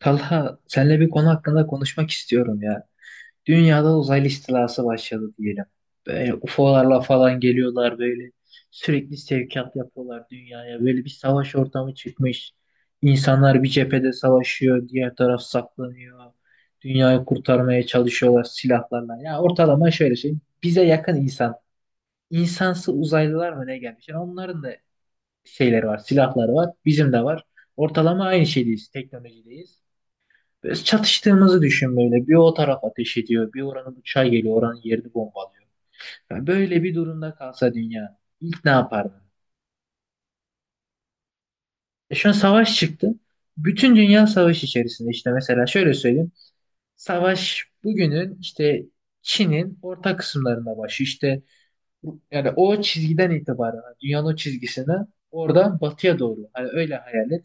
Talha, seninle bir konu hakkında konuşmak istiyorum ya. Dünyada uzaylı istilası başladı diyelim. Böyle UFO'larla falan geliyorlar böyle. Sürekli sevkiyat yapıyorlar dünyaya. Böyle bir savaş ortamı çıkmış. İnsanlar bir cephede savaşıyor, diğer taraf saklanıyor. Dünyayı kurtarmaya çalışıyorlar silahlarla. Ya ortalama şöyle şey. Bize yakın insan. İnsansı uzaylılar mı ne gelmiş? Yani onların da şeyleri var, silahları var. Bizim de var. Ortalama aynı şeydeyiz, teknolojideyiz. Böyle çatıştığımızı düşün böyle. Bir o taraf ateş ediyor. Bir oranın uçağı geliyor. Oranın yerini bombalıyor. Yani böyle bir durumda kalsa dünya ilk ne yapardın? E şu an savaş çıktı. Bütün dünya savaş içerisinde işte mesela şöyle söyleyeyim. Savaş bugünün işte Çin'in orta kısımlarında başı işte Yani o çizgiden itibaren hani dünyanın o çizgisine oradan batıya doğru. Hani öyle hayal et.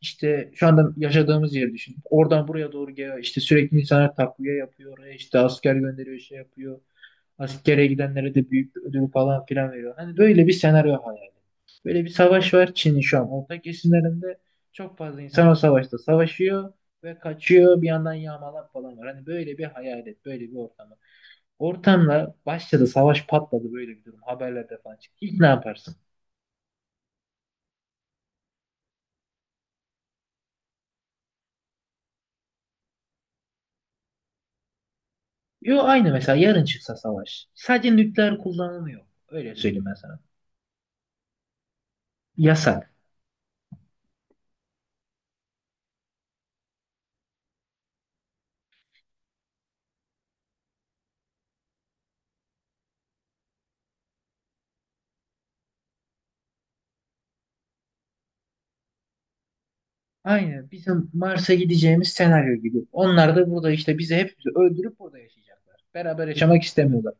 İşte şu anda yaşadığımız yeri düşün. Oradan buraya doğru geliyor. İşte sürekli insanlar takviye yapıyor. Oraya işte asker gönderiyor, şey yapıyor. Askere gidenlere de büyük bir ödül falan filan veriyor. Hani böyle bir senaryo hayal et. Böyle bir savaş var Çin'in şu an orta kesimlerinde. Çok fazla insan o savaşta savaşıyor ve kaçıyor. Bir yandan yağmalar falan var. Hani böyle bir hayal et. Böyle bir ortam. Ortamla başladı savaş patladı böyle bir durum haberlerde falan çıktı. İlk ne yaparsın? Yo aynı mesela yarın çıksa savaş. Sadece nükleer kullanılmıyor. Öyle söyleyeyim ben sana. Yasak. Aynı bizim Mars'a gideceğimiz senaryo gibi. Onlar da burada işte bizi hepimizi öldürüp burada yaşayacaklar. Beraber yaşamak istemiyorlar.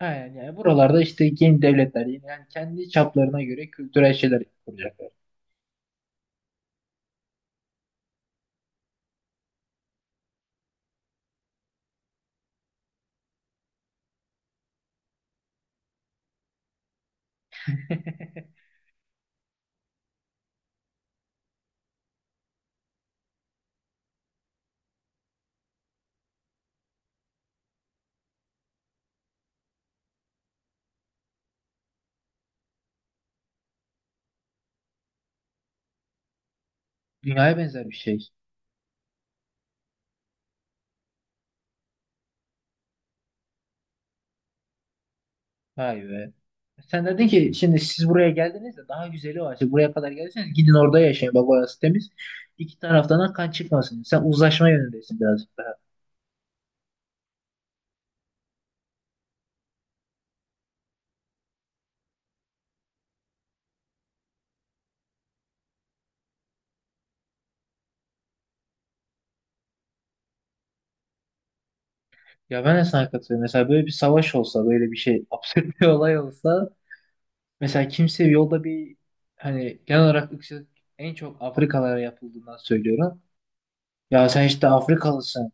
Aynen yani buralarda işte yeni devletler yani kendi çaplarına göre kültürel şeyler kuracaklar. Dünyaya benzer bir şey. Vay be. Sen dedin ki şimdi siz buraya geldiniz de daha güzeli var. Siz buraya kadar geldiyseniz gidin orada yaşayın. Bak orası temiz. İki taraftan da kan çıkmasın. Sen uzlaşma yönündesin birazcık daha. Ya ben de sana katılıyorum. Mesela böyle bir savaş olsa, böyle bir şey absürt bir olay olsa. Mesela kimse yolda bir hani genel olarak ırkçılık en çok Afrikalara yapıldığından söylüyorum. Ya sen işte Afrikalısın.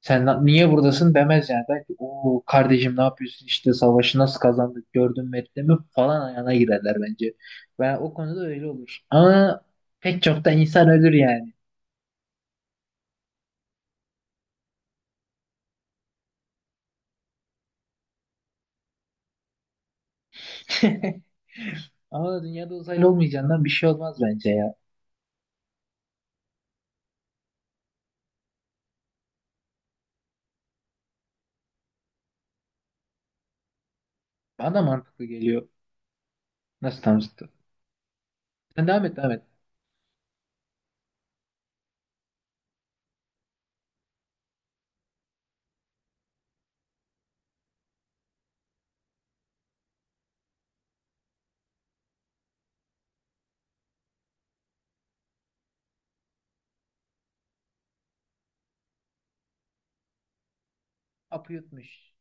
Sen niye buradasın demez yani. Belki o kardeşim ne yapıyorsun işte savaşı nasıl kazandık gördün mü ettin mi falan ayağına girerler bence. Ben o konuda öyle olur. Ama pek çok da insan ölür yani. Ama dünyada uzaylı olmayacağından bir şey olmaz bence ya. Bana da mantıklı geliyor. Nasıl tam zıttı? Sen devam et devam et. Apı yutmuş.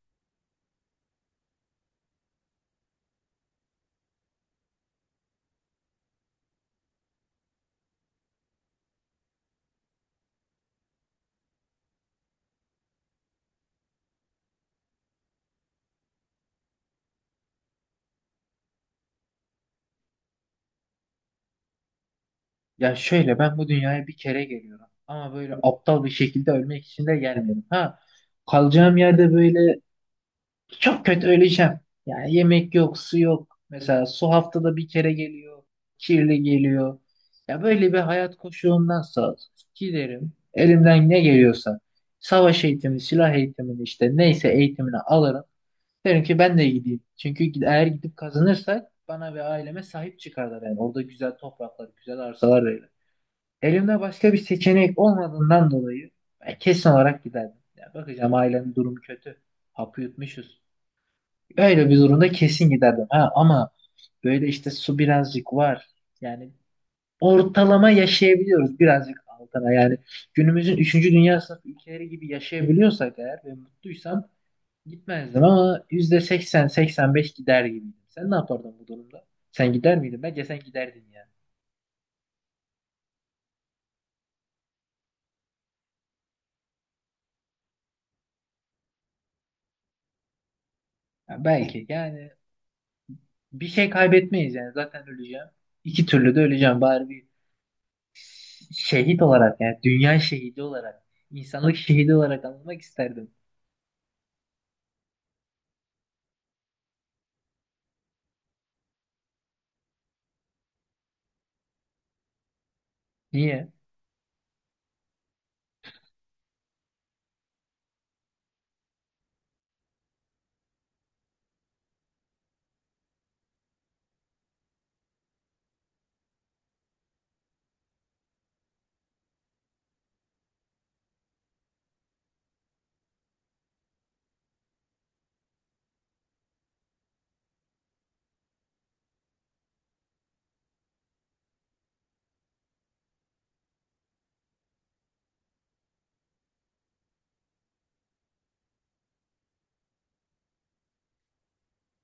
Ya şöyle ben bu dünyaya bir kere geliyorum. Ama böyle aptal bir şekilde ölmek için de gelmiyorum. Ha kalacağım yerde böyle çok kötü öleceğim. Yani yemek yok, su yok. Mesela su haftada bir kere geliyor, kirli geliyor. Ya böyle bir hayat koşuğundansa giderim, elimden ne geliyorsa savaş eğitimi, silah eğitimini işte neyse eğitimini alırım. Derim ki ben de gideyim. Çünkü eğer gidip kazanırsak bana ve aileme sahip çıkarlar yani. Orada güzel topraklar, güzel arsalar verir. Elimde başka bir seçenek olmadığından dolayı ben kesin olarak giderdim. Ya bakacağım ailemin durumu kötü. Hapı yutmuşuz. Öyle bir durumda kesin giderdim. Ha, ama böyle işte su birazcık var. Yani ortalama yaşayabiliyoruz birazcık altına. Yani günümüzün üçüncü dünya sınıfı ülkeleri gibi yaşayabiliyorsak eğer ve mutluysam gitmezdim ama %80 %85 gider gibiydim. Sen ne yapardın bu durumda? Sen gider miydin? Bence sen giderdin yani. Ya belki yani bir şey kaybetmeyiz yani zaten öleceğim. İki türlü de öleceğim bari bir şehit olarak yani dünya şehidi olarak insanlık şehidi olarak anılmak isterdim. Niye?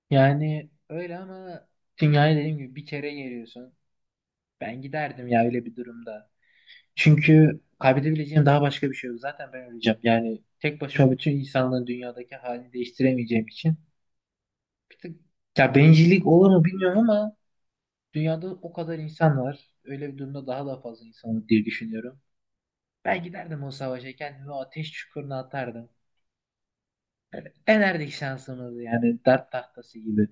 Yani öyle ama dünyaya dediğim gibi bir kere geliyorsun. Ben giderdim ya öyle bir durumda. Çünkü kaybedebileceğim daha başka bir şey yok. Zaten ben öleceğim. Yani tek başıma bütün insanların dünyadaki halini değiştiremeyeceğim için. Bir tık ya bencillik olur mu bilmiyorum ama dünyada o kadar insan var. Öyle bir durumda daha da fazla insan olur diye düşünüyorum. Ben giderdim o savaşa kendimi o ateş çukuruna atardım. Denerdik şansımızı yani dert tahtası gibi.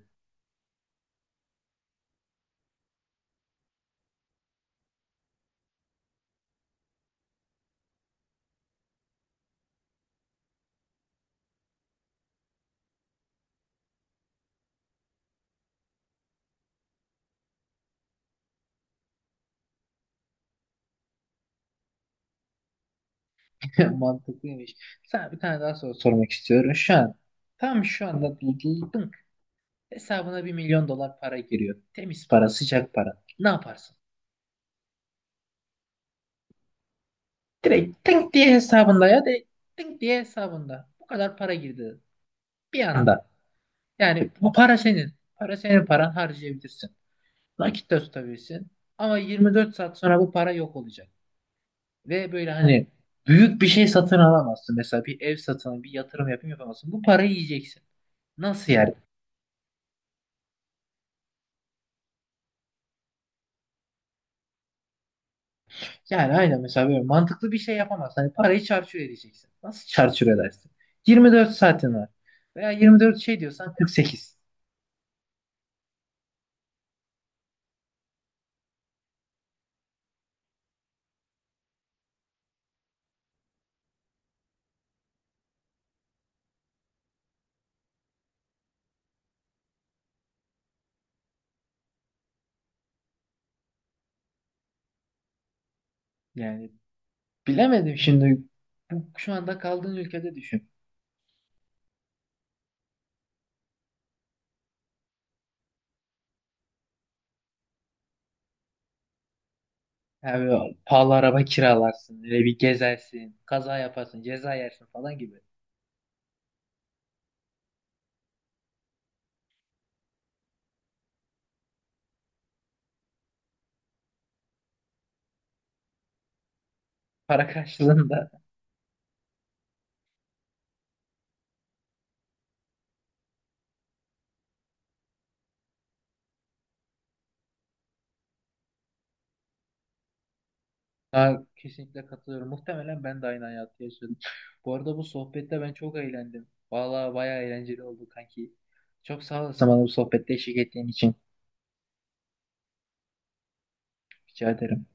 Mantıklıymış. Sana bir tane daha soru sormak istiyorum. Şu an tam şu anda buldun. Hesabına 1 milyon dolar para giriyor. Temiz para, sıcak para. Ne yaparsın? Direkt tink diye hesabında ya direkt tink diye hesabında. Bu kadar para girdi. Bir anda. Yani bu para senin. Para senin paran harcayabilirsin. Nakit de tutabilirsin. Ama 24 saat sonra bu para yok olacak. Ve böyle hani büyük bir şey satın alamazsın. Mesela bir ev satın, bir yatırım yapayım yapamazsın. Bu parayı yiyeceksin. Nasıl yani? Yani aynen mesela böyle mantıklı bir şey yapamazsın. Hani parayı çarçur edeceksin. Nasıl çarçur edersin? 24 saatin var. Veya 24 şey diyorsan 48. Yani bilemedim şimdi. Bu, şu anda kaldığın ülkede düşün. Yani böyle pahalı araba kiralarsın. Öyle bir gezersin. Kaza yaparsın. Ceza yersin falan gibi. Para karşılığında. Ha, kesinlikle katılıyorum. Muhtemelen ben de aynı hayatı yaşadım. Bu arada bu sohbette ben çok eğlendim. Vallahi bayağı eğlenceli oldu kanki. Çok sağ olasın bana bu sohbette eşlik ettiğin için. Rica ederim.